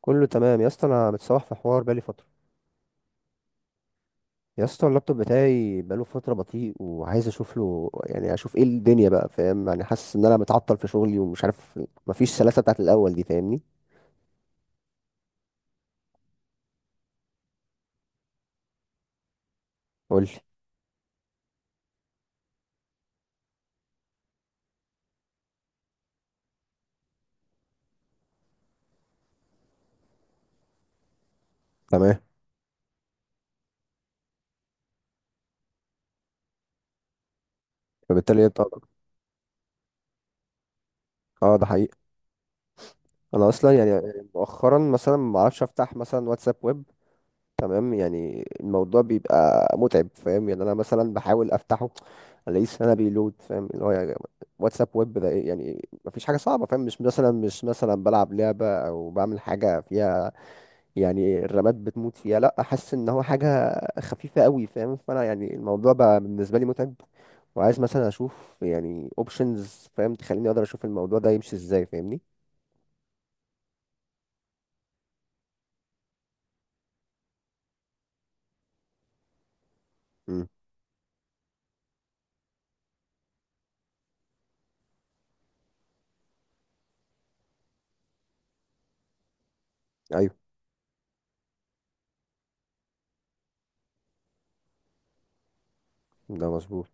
كله تمام يا اسطى. انا متصوح في حوار بقالي فتره. يا اسطى، اللابتوب بتاعي بقاله فتره بطيء، وعايز اشوف له. يعني اشوف ايه الدنيا بقى، فاهم؟ يعني حاسس ان انا متعطل في شغلي ومش عارف. مفيش سلاسه بتاعت الاول دي، فاهمني؟ قول لي. تمام. فبالتالي انت... اه، ده حقيقي. انا اصلا يعني مؤخرا مثلا ما اعرفش افتح مثلا واتساب ويب. تمام. يعني الموضوع بيبقى متعب، فاهم؟ يعني انا مثلا بحاول افتحه، الاقيه سنه بيلود، فاهم؟ اللي هو يعني واتساب ويب ده إيه؟ يعني مفيش حاجه صعبه فاهم. مش مثلا مش مثلا بلعب لعبه او بعمل حاجه فيها يعني الرامات بتموت فيها. لا، احس ان هو حاجه خفيفه قوي فاهم. فانا يعني الموضوع بقى بالنسبه لي متعب. وعايز مثلا اشوف يعني اوبشنز، فاهم؟ تخليني اقدر اشوف الموضوع ده يمشي ازاي، فاهمني؟ امم. ايوه. ده مظبوط.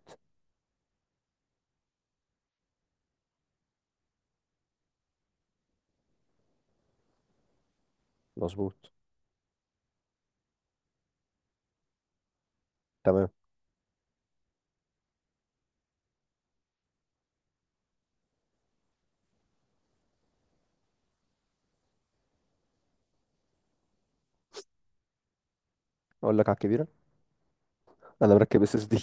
مظبوط. تمام. اقول لك على الكبيره. انا مركب SSD.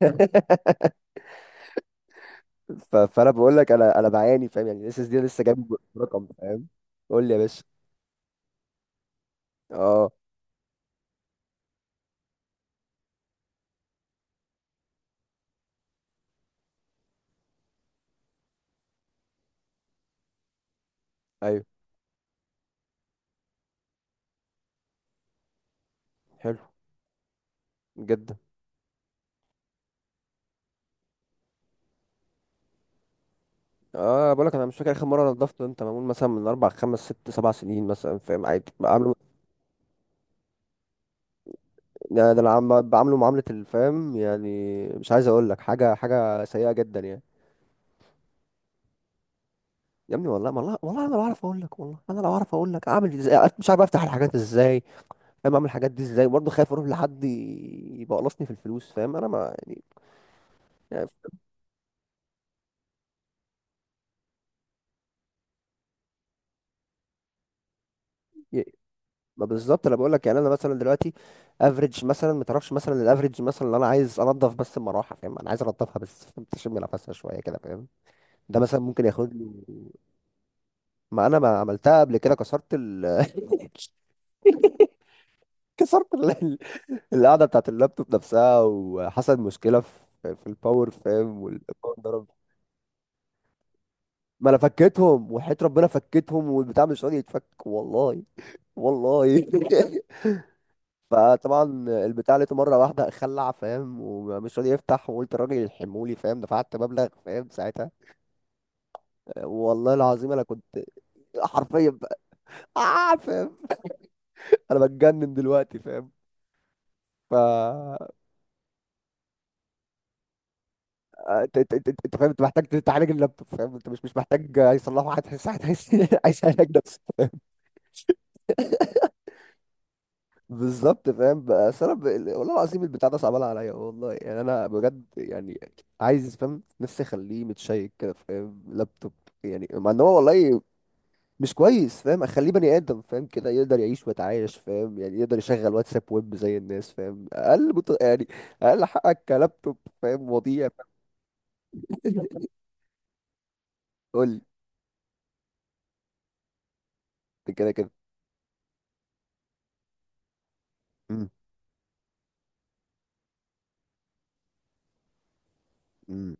فانا بقول لك انا بعاني، فاهم؟ يعني الاس اس دي لسه جايب رقم، فاهم؟ قول لي يا باشا. اه. ايوه. حلو. جدا. اه، بقول لك انا مش فاكر اخر مره نضفت. انت معمول مثلا من اربع خمس ست سبع سنين مثلا، فاهم؟ عادي بعمله. يعني ده انا بعمله معامله الفهم يعني. مش عايز اقول لك حاجه. سيئه جدا يعني. يا ابني، والله والله والله انا لو اعرف اقول لك. والله انا لو اعرف اقول لك اعمل ازاي. أنا مش عارف افتح الحاجات ازاي، فاهم؟ اعمل الحاجات دي ازاي؟ برضه خايف اروح لحد يبقى قلصني في الفلوس، فاهم؟ انا ما يعني... يعني. ي- ما بالظبط. انا بقول لك يعني انا مثلا دلوقتي افريج مثلا ما تعرفش مثلا. الافريج مثلا اللي انا عايز انضف بس المروحه، فاهم؟ انا عايز انضفها بس، فاهم؟ تشم نفسها شويه كده، فاهم؟ ده مثلا ممكن ياخد لي... ما انا ما عملتها قبل كده. كسرت ال... كسرت القعده بتاعت اللابتوب نفسها، وحصل مشكله في الباور، فاهم؟ والباور ضرب. ما انا فكيتهم، وحياة ربنا فكيتهم، والبتاع مش راضي يتفك، والله. والله. فطبعا البتاع لقيته مره واحده خلع، فاهم؟ ومش راضي يفتح. وقلت الراجل يلحمهولي، فاهم؟ دفعت مبلغ، فاهم؟ ساعتها. والله العظيم انا كنت حرفيا بقى... آه، فاهم. انا بتجنن دلوقتي، فاهم؟ ف انت فاهم، انت محتاج تعالج اللابتوب، فاهم؟ انت مش محتاج يصلحه حد، ساعتها عايز عايز يعالج نفسه، فاهم؟ بالظبط فاهم. بس انا والله العظيم البتاع ده صعبان عليا، والله يعني. انا بجد يعني، عايز فاهم نفسي اخليه متشيك كده، فاهم؟ لابتوب. يعني مع ان هو والله مش كويس فاهم. اخليه بني ادم، فاهم؟ كده يقدر يعيش ويتعايش، فاهم؟ يعني يقدر يشغل واتساب ويب زي الناس، فاهم؟ اقل يعني اقل حقك كلابتوب، فاهم؟ وضيع. قول لي. كده كده. امم. امم.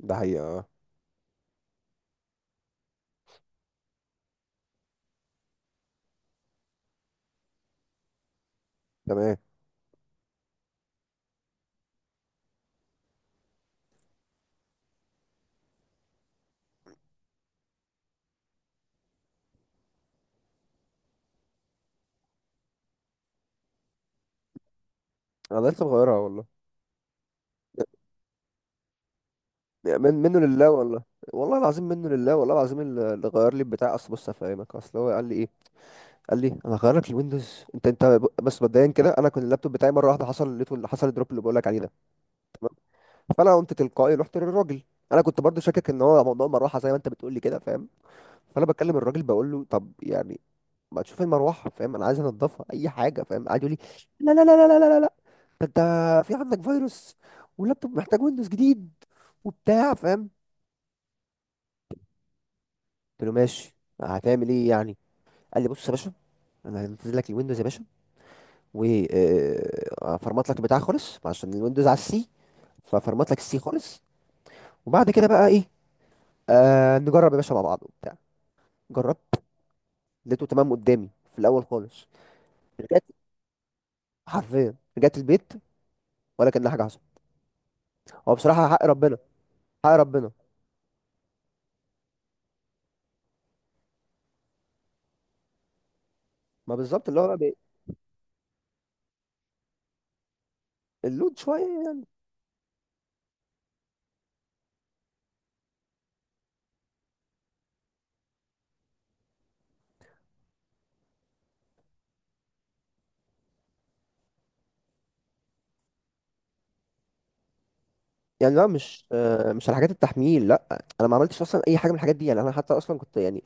ده حقيقة، اه. تمام. انا لسه مغيرها والله. من منه لله والله. والله العظيم منه لله. والله العظيم. اللي غير لي البتاع، اصل بص افهمك. اصل هو قال لي ايه؟ قال لي انا هغير لك الويندوز. انت انت بس مبدئيا كده. انا كنت اللابتوب بتاعي مره واحده حصل لقيته. اللي حصل الدروب اللي بقول لك عليه ده. فانا قمت تلقائي رحت للراجل. انا كنت برضو شاكك ان هو موضوع المروحه زي ما انت بتقول لي كده، فاهم؟ فانا بكلم الراجل، بقول له طب يعني ما تشوف المروحه، فاهم؟ انا عايز انضفها اي حاجه، فاهم؟ قاعد يقول لي لا لا لا لا لا لا لا. ده انت في عندك فيروس، واللابتوب محتاج ويندوز جديد، وبتاع، فاهم؟ قلت له ماشي، هتعمل ايه يعني؟ قال لي بص يا باشا، انا هنزل لك الويندوز يا باشا، وفرمت لك البتاع خالص عشان الويندوز على السي، ففرمت لك السي خالص. وبعد كده بقى ايه، نجرب يا باشا مع بعض وبتاع. جربت، لقيته تمام قدامي في الاول خالص. رجعت، حرفيا رجعت البيت. ولا كان حاجه حصلت. هو بصراحه حق ربنا. حق ربنا. ما بالظبط. اللي هو بقى اللود شويه. يعني لا، مش مش على حاجات التحميل. لا، انا ما عملتش اصلا اي حاجه من الحاجات دي يعني. انا حتى اصلا كنت يعني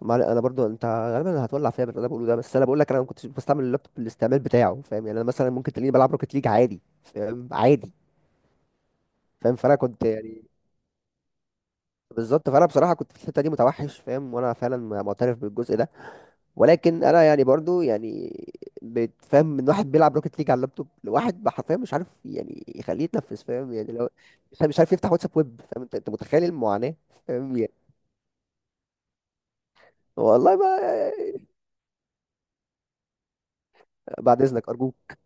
ما علي- انا برضو انت غالبا هتولع فيا باللي انا بقوله ده. بس انا بقول لك انا ما كنتش بستعمل اللابتوب بالاستعمال بتاعه، فاهم؟ يعني انا مثلا ممكن تلاقيني بلعب روكيت ليج عادي، فاهم؟ عادي. فاهم. فانا كنت يعني... بالظبط. فانا بصراحه كنت في الحته دي متوحش، فاهم؟ وانا فعلا معترف بالجزء ده. ولكن انا يعني برضو يعني بتفهم من واحد بيلعب روكيت ليج على اللابتوب لواحد حرفيا مش عارف يعني يخليه يتنفس، فاهم؟ يعني لو مش عارف يفتح واتساب ويب، فاهم؟ انت انت متخيل المعاناه، فاهم؟ يعني والله ما... بعد اذنك ارجوك.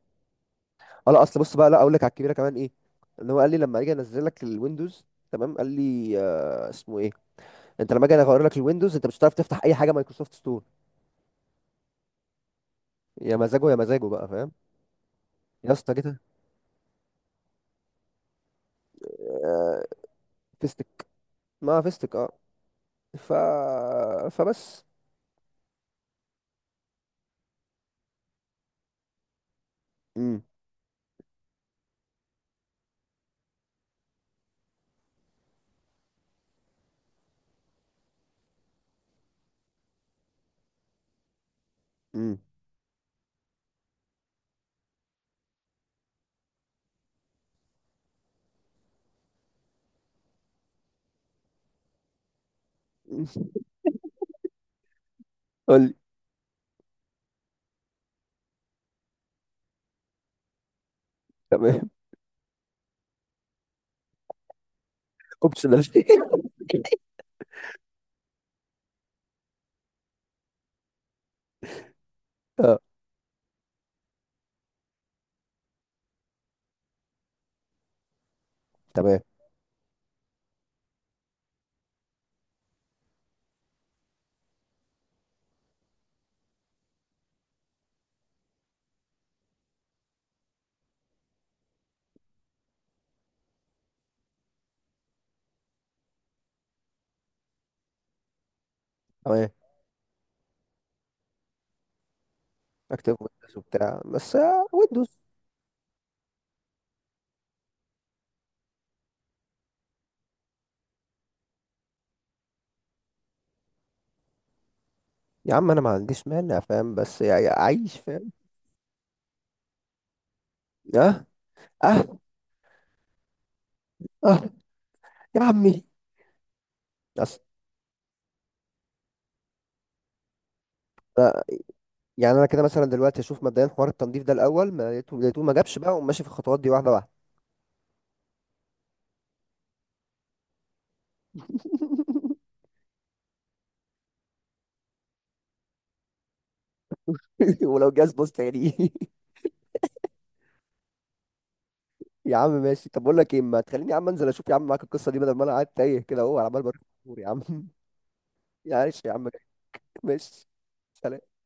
اه لا، اصل بص بقى، لا اقول لك على الكبيره كمان ايه. ان هو قال لي لما اجي انزل لك الويندوز، تمام، قال لي اسمه ايه. انت لما اجي اغير لك الويندوز انت مش هتعرف تفتح اي حاجه مايكروسوفت ستور. يا مزاجه يا مزاجه بقى، فاهم؟ يا اسطى جيت. آه. فيستك، ما فيستك اه. ف فبس. امم. امم. قول لي. تمام. اوبشنال. اه. تمام. تمام. اكتب ويندوز وبتاع بس، ويندوز. يا عم انا ما عنديش مانع، فاهم؟ بس يا عيش، فاهم؟ اه. اه. اه. يا عمي. أصل... آه، يعني انا كده مثلا دلوقتي اشوف مبدئيا حوار التنظيف ده الاول. ما لقيته لقيته ما جابش بقى، وماشي في الخطوات دي واحده واحده. ولو جاز بص يعني. يا عم ماشي. طب بقول لك ايه، ما تخليني يا عم انزل اشوف يا عم معاك القصه دي، بدل ما انا قاعد تايه كده اهو عمال بدور. يا عم. معلش يا عم. ماشي. سلام.